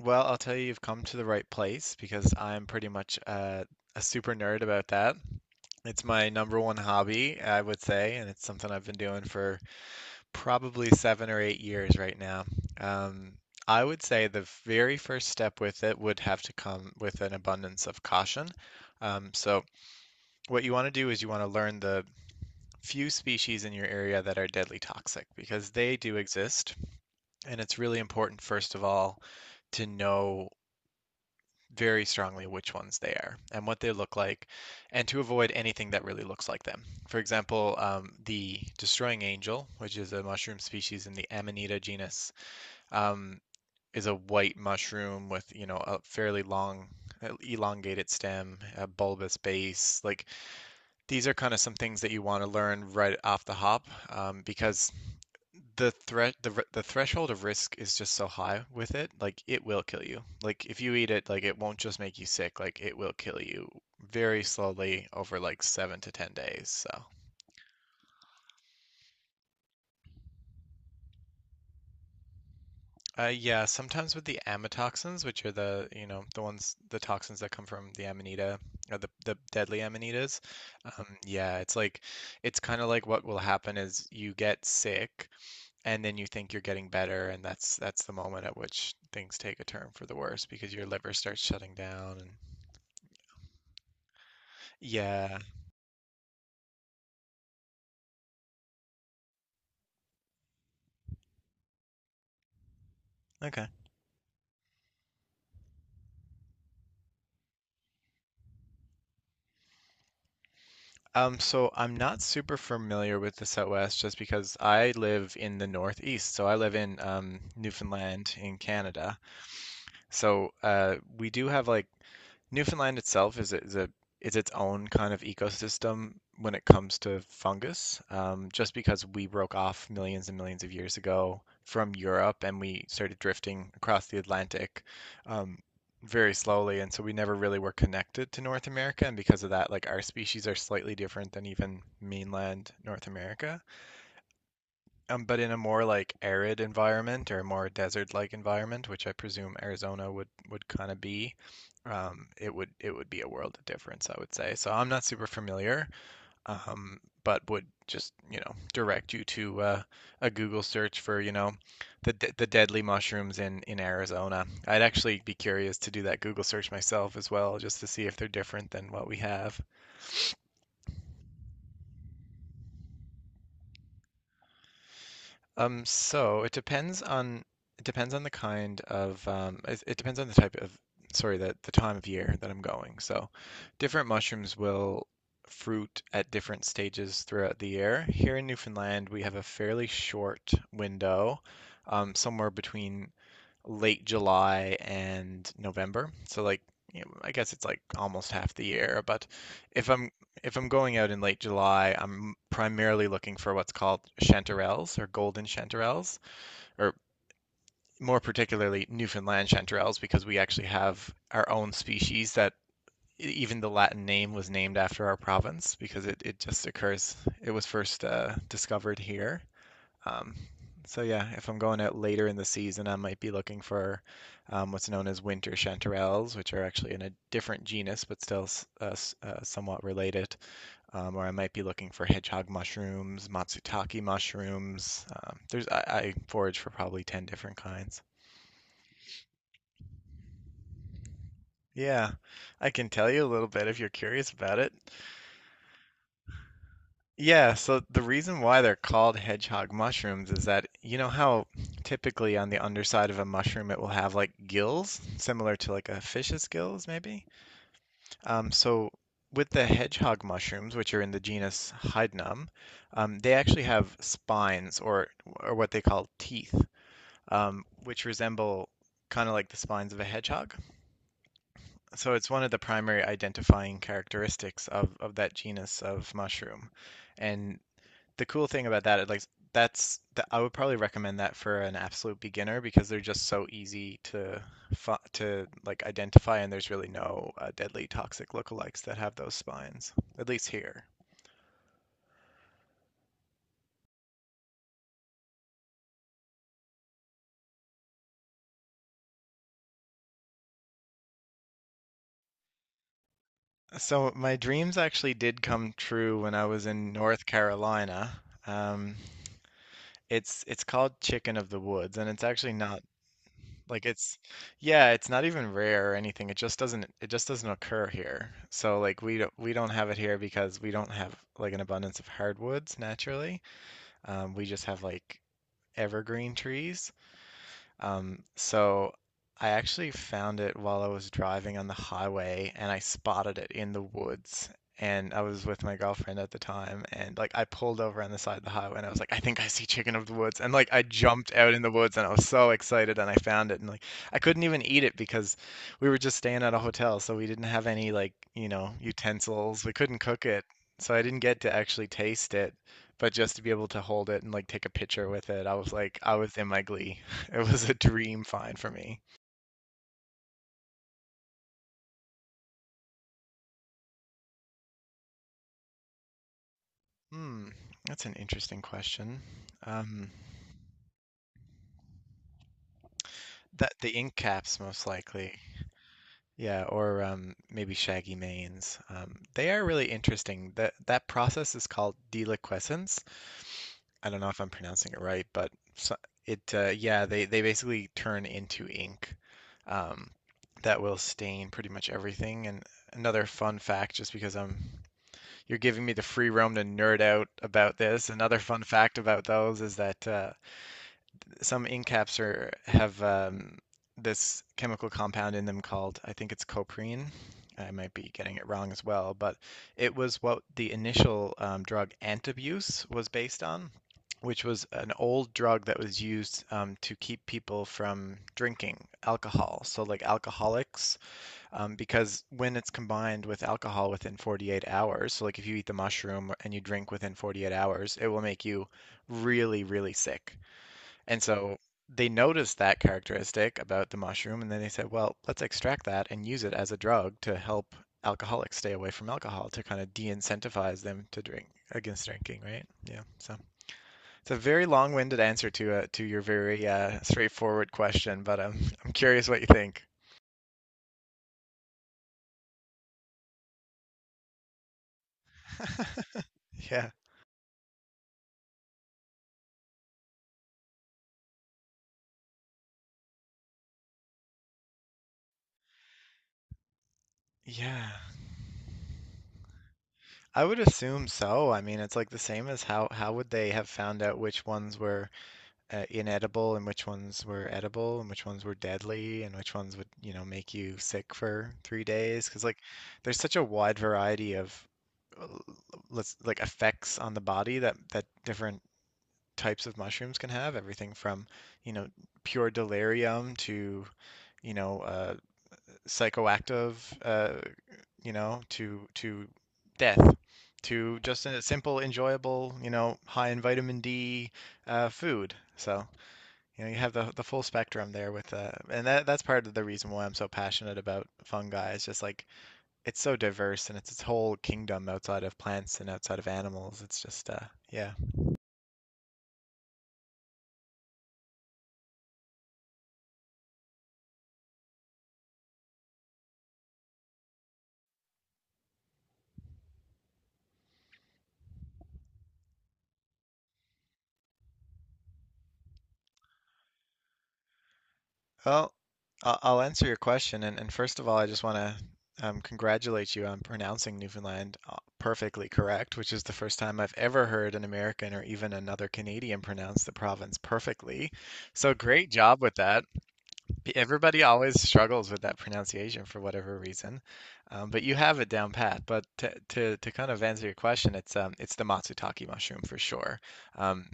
Well, I'll tell you, you've come to the right place because I'm pretty much a super nerd about that. It's my number one hobby, I would say, and it's something I've been doing for probably 7 or 8 years right now. Um, I would say the very first step with it would have to come with an abundance of caution. So, what you want to do is you want to learn the few species in your area that are deadly toxic because they do exist. And it's really important, first of all, to know very strongly which ones they are and what they look like, and to avoid anything that really looks like them. For example, the destroying angel, which is a mushroom species in the Amanita genus, um, is a white mushroom with, you know, a fairly long, elongated stem, a bulbous base. Like these are kind of some things that you want to learn right off the hop, because the threat the r- the threshold of risk is just so high with it. Like it will kill you, like if you eat it, like it won't just make you sick, like it will kill you very slowly over like 7 to 10 days. So yeah, sometimes with the amatoxins, which are the, you know, the ones, the toxins that come from the amanita, or the deadly amanitas. Yeah, it's like, it's kind of like what will happen is you get sick, and then you think you're getting better, and that's the moment at which things take a turn for the worse because your liver starts shutting down. And yeah, okay. So I'm not super familiar with the Southwest just because I live in the Northeast, so I live in Newfoundland in Canada. So we do have like, Newfoundland itself is its own kind of ecosystem when it comes to fungus, just because we broke off millions and millions of years ago from Europe and we started drifting across the Atlantic, um, very slowly, and so we never really were connected to North America, and because of that, like our species are slightly different than even mainland North America. But in a more like arid environment or more desert-like environment, which I presume Arizona would kind of be, it would be a world of difference, I would say. So I'm not super familiar, but would just, you know, direct you to a Google search for, you know, the deadly mushrooms in Arizona. I'd actually be curious to do that Google search myself as well, just to see if they're different than what we have. Um, so it depends on it depends on the kind of, it, it depends on the type of, sorry, that the time of year that I'm going. So different mushrooms will fruit at different stages throughout the year. Here in Newfoundland, we have a fairly short window, somewhere between late July and November. So like, you know, I guess it's like almost half the year, but if I'm if I'm going out in late July, I'm primarily looking for what's called chanterelles, or golden chanterelles, or more particularly Newfoundland chanterelles, because we actually have our own species that, even the Latin name was named after our province because it just occurs, it was first discovered here. Um, so yeah, if I'm going out later in the season, I might be looking for, what's known as winter chanterelles, which are actually in a different genus but still, uh, somewhat related. Or I might be looking for hedgehog mushrooms, matsutake mushrooms. I forage for probably 10 different kinds. Yeah, I can tell you a little bit if you're curious about it. Yeah, so the reason why they're called hedgehog mushrooms is that, you know how typically on the underside of a mushroom it will have like gills, similar to like a fish's gills, maybe? So with the hedgehog mushrooms, which are in the genus Hydnum, they actually have spines, or what they call teeth, which resemble kind of like the spines of a hedgehog. So it's one of the primary identifying characteristics of that genus of mushroom. And the cool thing about that, like, I would probably recommend that for an absolute beginner because they're just so easy to, to like identify, and there's really no deadly toxic lookalikes that have those spines, at least here. So my dreams actually did come true when I was in North Carolina. It's called chicken of the woods, and it's actually not, like it's, yeah, it's not even rare or anything. It just doesn't occur here. So like we don't have it here because we don't have like an abundance of hardwoods naturally. We just have like evergreen trees. So I actually found it while I was driving on the highway, and I spotted it in the woods. And I was with my girlfriend at the time, and like I pulled over on the side of the highway, and I was like, I think I see chicken of the woods. And like I jumped out in the woods and I was so excited and I found it, and like I couldn't even eat it because we were just staying at a hotel, so we didn't have any, like, you know, utensils. We couldn't cook it. So I didn't get to actually taste it, but just to be able to hold it and like take a picture with it, I was like, I was in my glee. It was a dream find for me. Hmm, that's an interesting question. Um, that, the ink caps, most likely. Yeah, or maybe shaggy manes. They are really interesting. That process is called deliquescence. I don't know if I'm pronouncing it right, but, so- it, yeah, they basically turn into ink. Um, that will stain pretty much everything. And another fun fact, just because I'm, you're giving me the free roam to nerd out about this. Another fun fact about those is that, some ink caps are, have, this chemical compound in them called, I think it's coprine. I might be getting it wrong as well, but it was what the initial, drug antabuse was based on, which was an old drug that was used, to keep people from drinking alcohol. So, like, alcoholics, because when it's combined with alcohol within 48 hours, so like if you eat the mushroom and you drink within 48 hours, it will make you really, really sick. And so they noticed that characteristic about the mushroom, and then they said, well, let's extract that and use it as a drug to help alcoholics stay away from alcohol, to kind of de-incentivize them to drink, against drinking, right? Yeah. So it's a very long-winded answer to your very straightforward question, but I'm curious what you think. Yeah. Yeah. I would assume so. I mean, it's like the same as, how would they have found out which ones were, inedible, and which ones were edible, and which ones were deadly, and which ones would, you know, make you sick for 3 days? Because like there's such a wide variety of, uh, let's, like, effects on the body that different types of mushrooms can have. Everything from, you know, pure delirium, to, you know, psychoactive, uh, you know, to death, to just a simple, enjoyable, you know, high in vitamin D, food. So, you know, you have the full spectrum there with, and that's part of the reason why I'm so passionate about fungi. It's just like, it's so diverse and it's its whole kingdom outside of plants and outside of animals. It's just, yeah. Well, I'll answer your question. And first of all, I just want to, congratulate you on pronouncing Newfoundland, perfectly correct, which is the first time I've ever heard an American or even another Canadian pronounce the province perfectly. So great job with that. Everybody always struggles with that pronunciation for whatever reason, but you have it down pat. But to kind of answer your question, it's, the matsutake mushroom for sure. Um,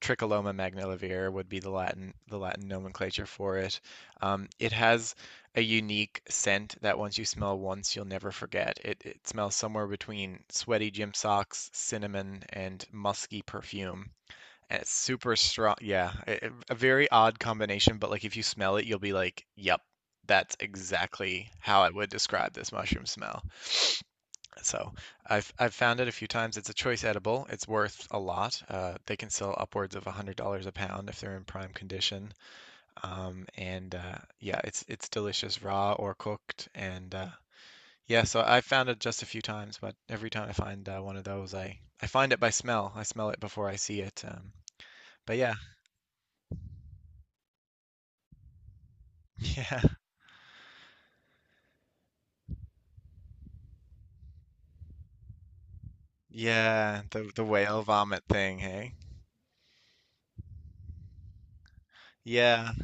Tricholoma magnivelare would be the Latin, nomenclature for it. It has a unique scent that once you smell once, you'll never forget. It smells somewhere between sweaty gym socks, cinnamon, and musky perfume. And it's super strong. Yeah, it, a very odd combination, but like if you smell it, you'll be like, "Yep, that's exactly how I would describe this mushroom smell." So I've found it a few times. It's a choice edible. It's worth a lot. They can sell upwards of $100 a pound if they're in prime condition. And yeah, it's delicious raw or cooked. And yeah, so I found it just a few times, but every time I find, one of those, I find it by smell. I smell it before I see it. But yeah, yeah, yeah. The whale vomit thing, hey? Yeah.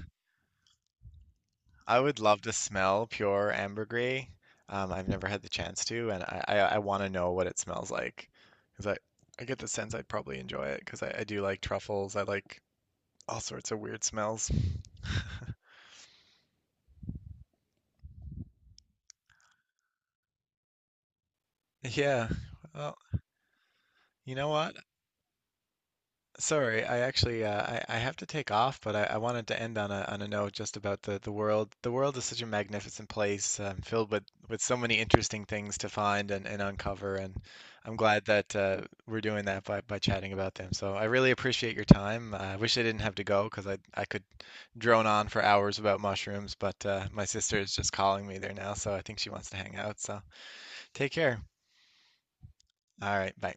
I would love to smell pure ambergris. I've never had the chance to, and I want to know what it smells like, because I get the sense I'd probably enjoy it, because I do like truffles. I like all sorts of weird smells. Yeah. Well, you know what? Sorry, I actually, I have to take off, but I wanted to end on a note just about the world. The world is such a magnificent place, filled with so many interesting things to find and uncover, and I'm glad that, we're doing that by chatting about them. So I really appreciate your time. I wish I didn't have to go because I could drone on for hours about mushrooms, but my sister is just calling me there now, so I think she wants to hang out. So take care. All right, bye.